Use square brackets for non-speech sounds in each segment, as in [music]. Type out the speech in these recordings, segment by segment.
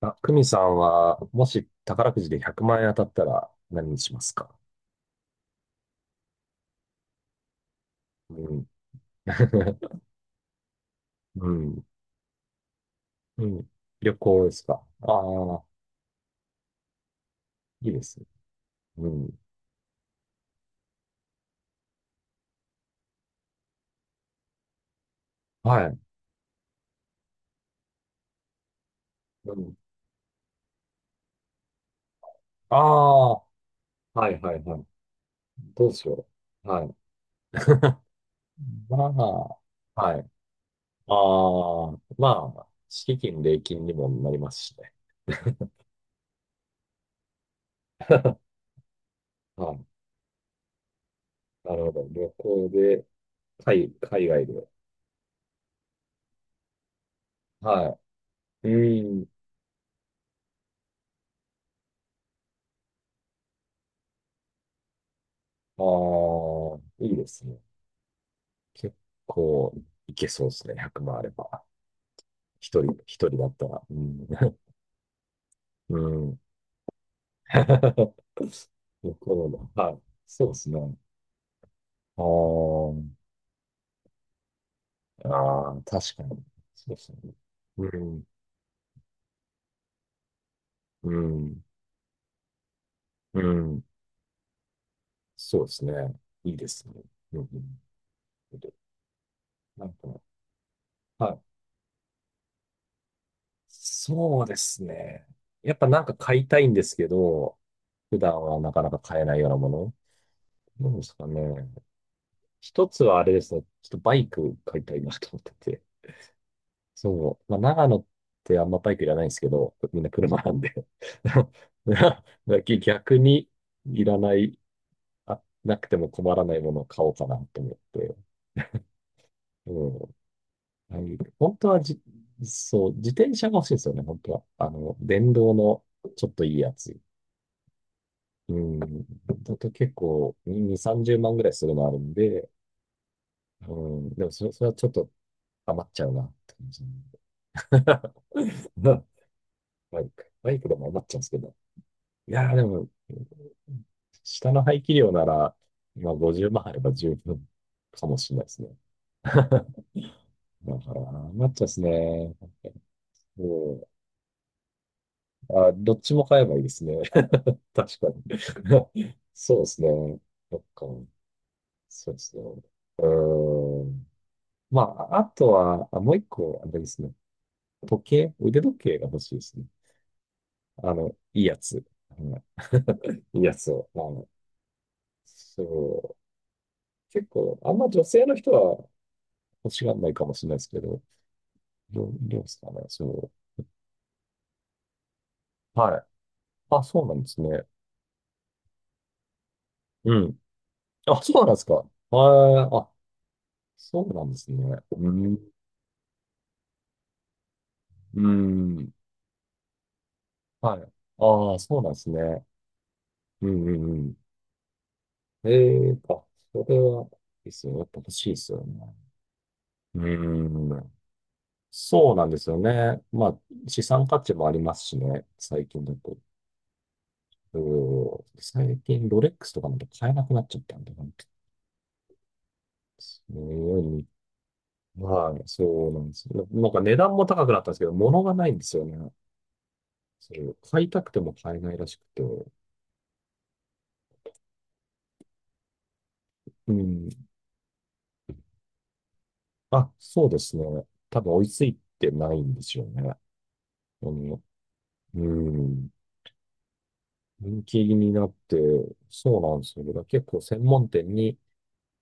あ、久美さんは、もし宝くじで100万円当たったら何にしますか？うん。[laughs] うん。うん。旅行ですか？ああ、いいですね。うん。はい。うん。ああ、はいはいはい。どうしよう。はい。まあ、はい。ああ、まあ、敷金、礼金にもなりますしね。はい。なるほど。旅行で、海外で。はい。うん。ああ、いいですね。結構いけそうですね。100万あれば。一人だったら。うん。[laughs] うん。[laughs] 向こうの、はい。そうですね。あーあー、確かに。そうですね。うん、うん、うん。そうですね。いいですね。うん、うん。なんか、はい。そうですね。やっぱなんか買いたいんですけど、普段はなかなか買えないようなもの。どうですかね。一つはあれですね。ちょっとバイク買いたいなと思ってて。そう。まあ、長野ってあんまバイクいらないんですけど、みんな車なんで。[laughs] だ逆にいらない、あ、なくても困らないものを買おうかなと思って。うん。はい、本当はそう、自転車が欲しいんですよね、本当は。あの、電動のちょっといいやつ。うん。だと結構2、30万ぐらいするのあるんで、うん。でもそれはちょっと余っちゃうなって感じ。[laughs] [laughs] な、バイク。バイクでも余っちゃうんですけど。いやーでも、下の排気量なら、まあ50万あれば十分かもしれないですね。[laughs] だから余っちゃうんですね。もう、あ、どっちも買えばいいですね。[laughs] 確かに。[laughs] そうですね。そっか。そうですね。うーん。まあ、あとは、あ、もう一個、あれですね。時計、腕時計が欲しいですね。あの、いいやつ。うん、いいやつを。まあの、そう結構、あんま女性の人は欲しがらないかもしれないですけど、どうですかね、そう。はい。あ、そうなんですね。うん。あ、そうなんですか。はい。あ、そうなんですね。うん。うん。はい。ああ、そうなんですね。うんうんうん。ええ、あ、それは、いいっすよ。やっぱ欲しいですよね。うん。そうなんですよね。まあ、資産価値もありますしね、最近だと。うん、最近、ロレックスとかなんて買えなくなっちゃったんで、うん、まあ、そうなんですよ。なんか値段も高くなったんですけど、物がないんですよね。それを買いたくても買えないらしくて。うん。あ、そうですね。多分追いついてないんですよね。うん。うん。人気になって、そうなんですよね。だから結構専門店に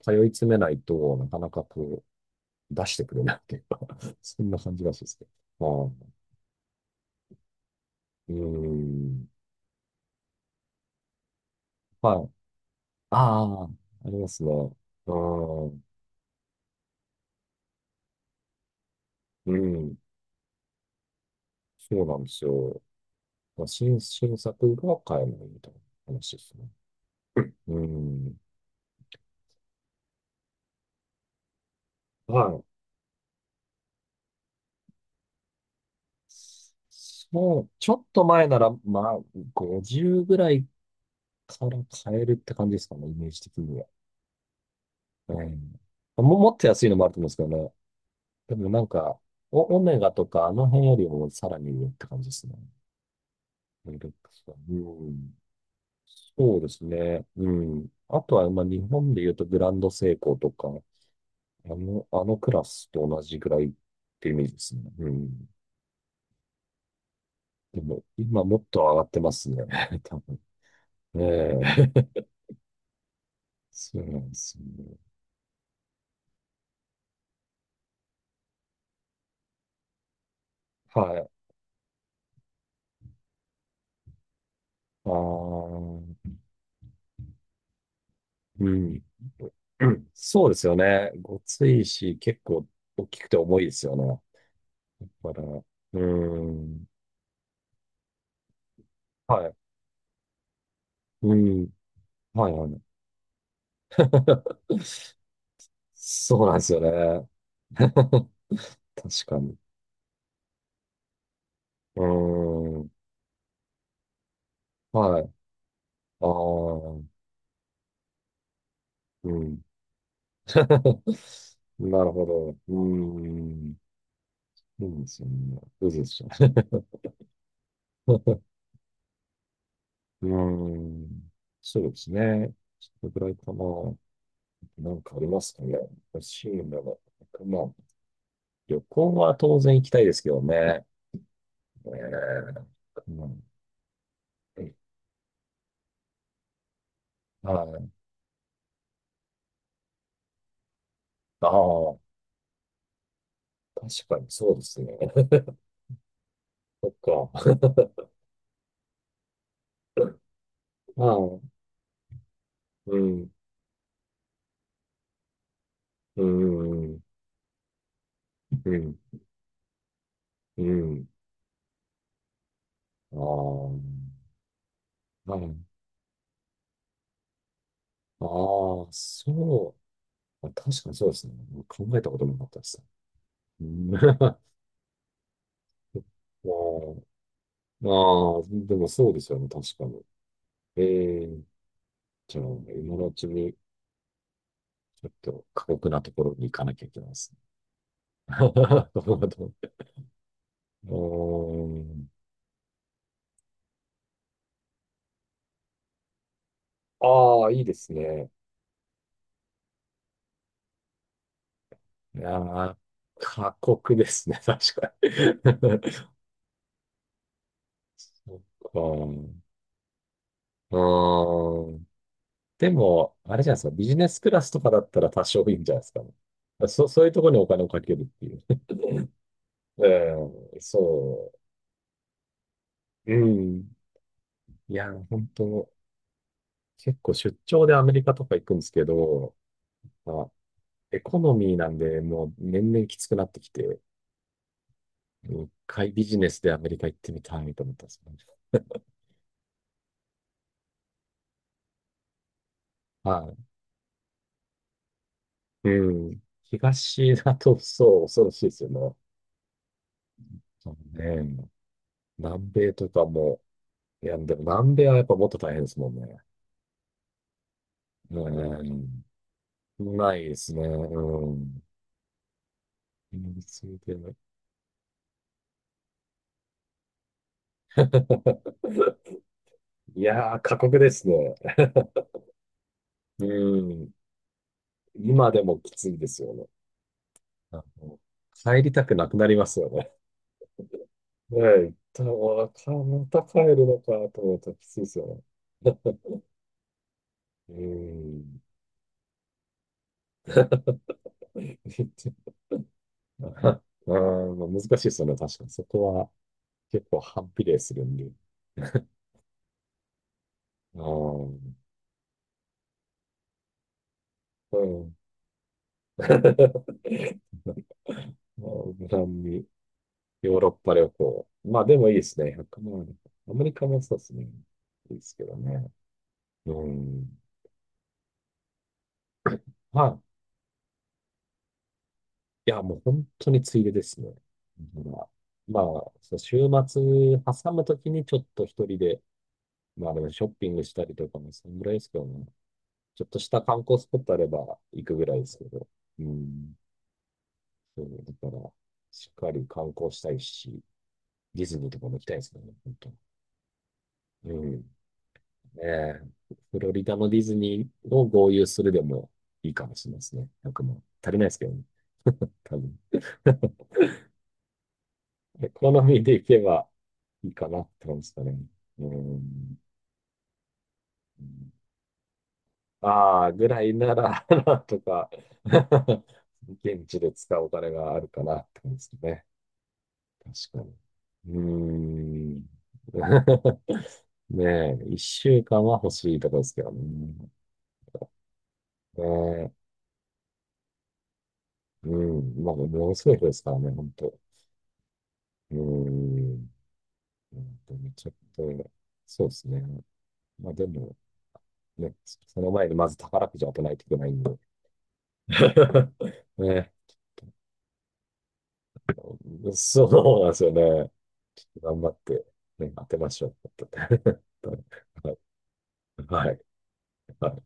通い詰めないとなかなかこう出してくれないっていうか [laughs] そんな感じらしいですね。はい。うん。はい。ああ、ありますね。うん。うん。そうなんですよ。まあ、新作が買えないみたいな話ですね。うん。はい。そう、ちょっと前なら、まあ、50ぐらいから買えるって感じですかね、イメージ的には。うん。もっと安いのもあると思うんですけどね。でもなんか、オメガとかあの辺よりもさらに上って感じですね。ロレックスは、うん。そうですね。うん。あとは、まあ、日本で言うとグランドセイコーとか、あのクラスと同じぐらいってイメージですね。うん。でも、今もっと上がってますね。[laughs] 多分。ええ。そうなんですよね。はい。ああ、うん。うん、そうですよね。ごついし、結構大きくて重いですよね。まだから、うーん。はい。うん。はい、はい。[laughs] そうなんですよね。[laughs] 確かに。うーん。はい。ああ、うん。[laughs] なるほど。うーん。そうですよね。うずうずしちゃう。[laughs] うーん。そうですね。それぐらいかな。なんかありますかね。欲しいもの。まあ、旅行は当然行きたいですけどね。えーうん、はい。ああ、確かにそうですね。[laughs] そっか。ああ、うん、うん、うん、うん。ああ、はい。ああ、そう、確かにそうですね。考えたこともなかったです。うん。 [laughs] まあ、まあ、でもそうですよね、確かに。ええ、じゃあ、今のうちに、ちょっと過酷なところに行かなきゃいけないですね。[laughs] なるほど。うーん。ああ、いいですね。いやー、過酷ですね、[laughs] 確かに。[laughs] そっか。うーん。でも、あれじゃないですか、ビジネスクラスとかだったら多少いいんじゃないですかね。そういうところにお金をかけるっていう。うん、そう。うん。いや、本当結構出張でアメリカとか行くんですけど、まあ、エコノミーなんで、もう年々きつくなってきて、一回ビジネスでアメリカ行ってみたいと思ったんですよね。はい。うん。東だと、そう、恐ろしいですよね。そうね。南米とかも、いや、でも南米はやっぱもっと大変ですもんね。うん。ないですね。うん。うん、そうだよね。 [laughs] いやー、過酷ですね。うん。今でもきついですよね。あの、帰りたくなくなりますよね。ねえ、一旦、また帰るのかと思ったらきついですよね。[laughs] うん。[laughs] ああ、まあ難しいですよね。確かに。そこは結構反比例するんで。ああ、うん。[laughs] まあ、無難にヨーロッパ旅行。まあでもいいですね。1万。アメリカもそうですね。いいですけどね。うん。まあ、いや、もう本当についでですね。だから、まあ、そう、週末挟むときにちょっと一人で、まあでもショッピングしたりとかもそんぐらいですけどね。ちょっとした観光スポットあれば行くぐらいですけど。うん。そう、だから、しっかり観光したいし、ディズニーとかも行きたいですね、本当に。うん。ねえ、フロリダのディズニーを合流するでもいいかもしれないですね。1くまん、足りないですけどね、多分。[laughs] エコノミーでいけばいいかなって感じですかね。うん。ああ、ぐらいなら、[laughs] なんとか [laughs] 現地で使うお金があるかなって感じですね。確かに。うーん。[laughs] ねえ、一週間は欲しいとこですけどね。ねえ、うん。まあ、ものすごい人ですからね、本当。うーん。本当にちょっと、そうですね。まあでも、ね、その前にまず宝くじを当てないといけないんで。[laughs] ね。そうなんですよね。ちょっと頑張って、ね、当てましょう。[laughs] はい。はい。はい。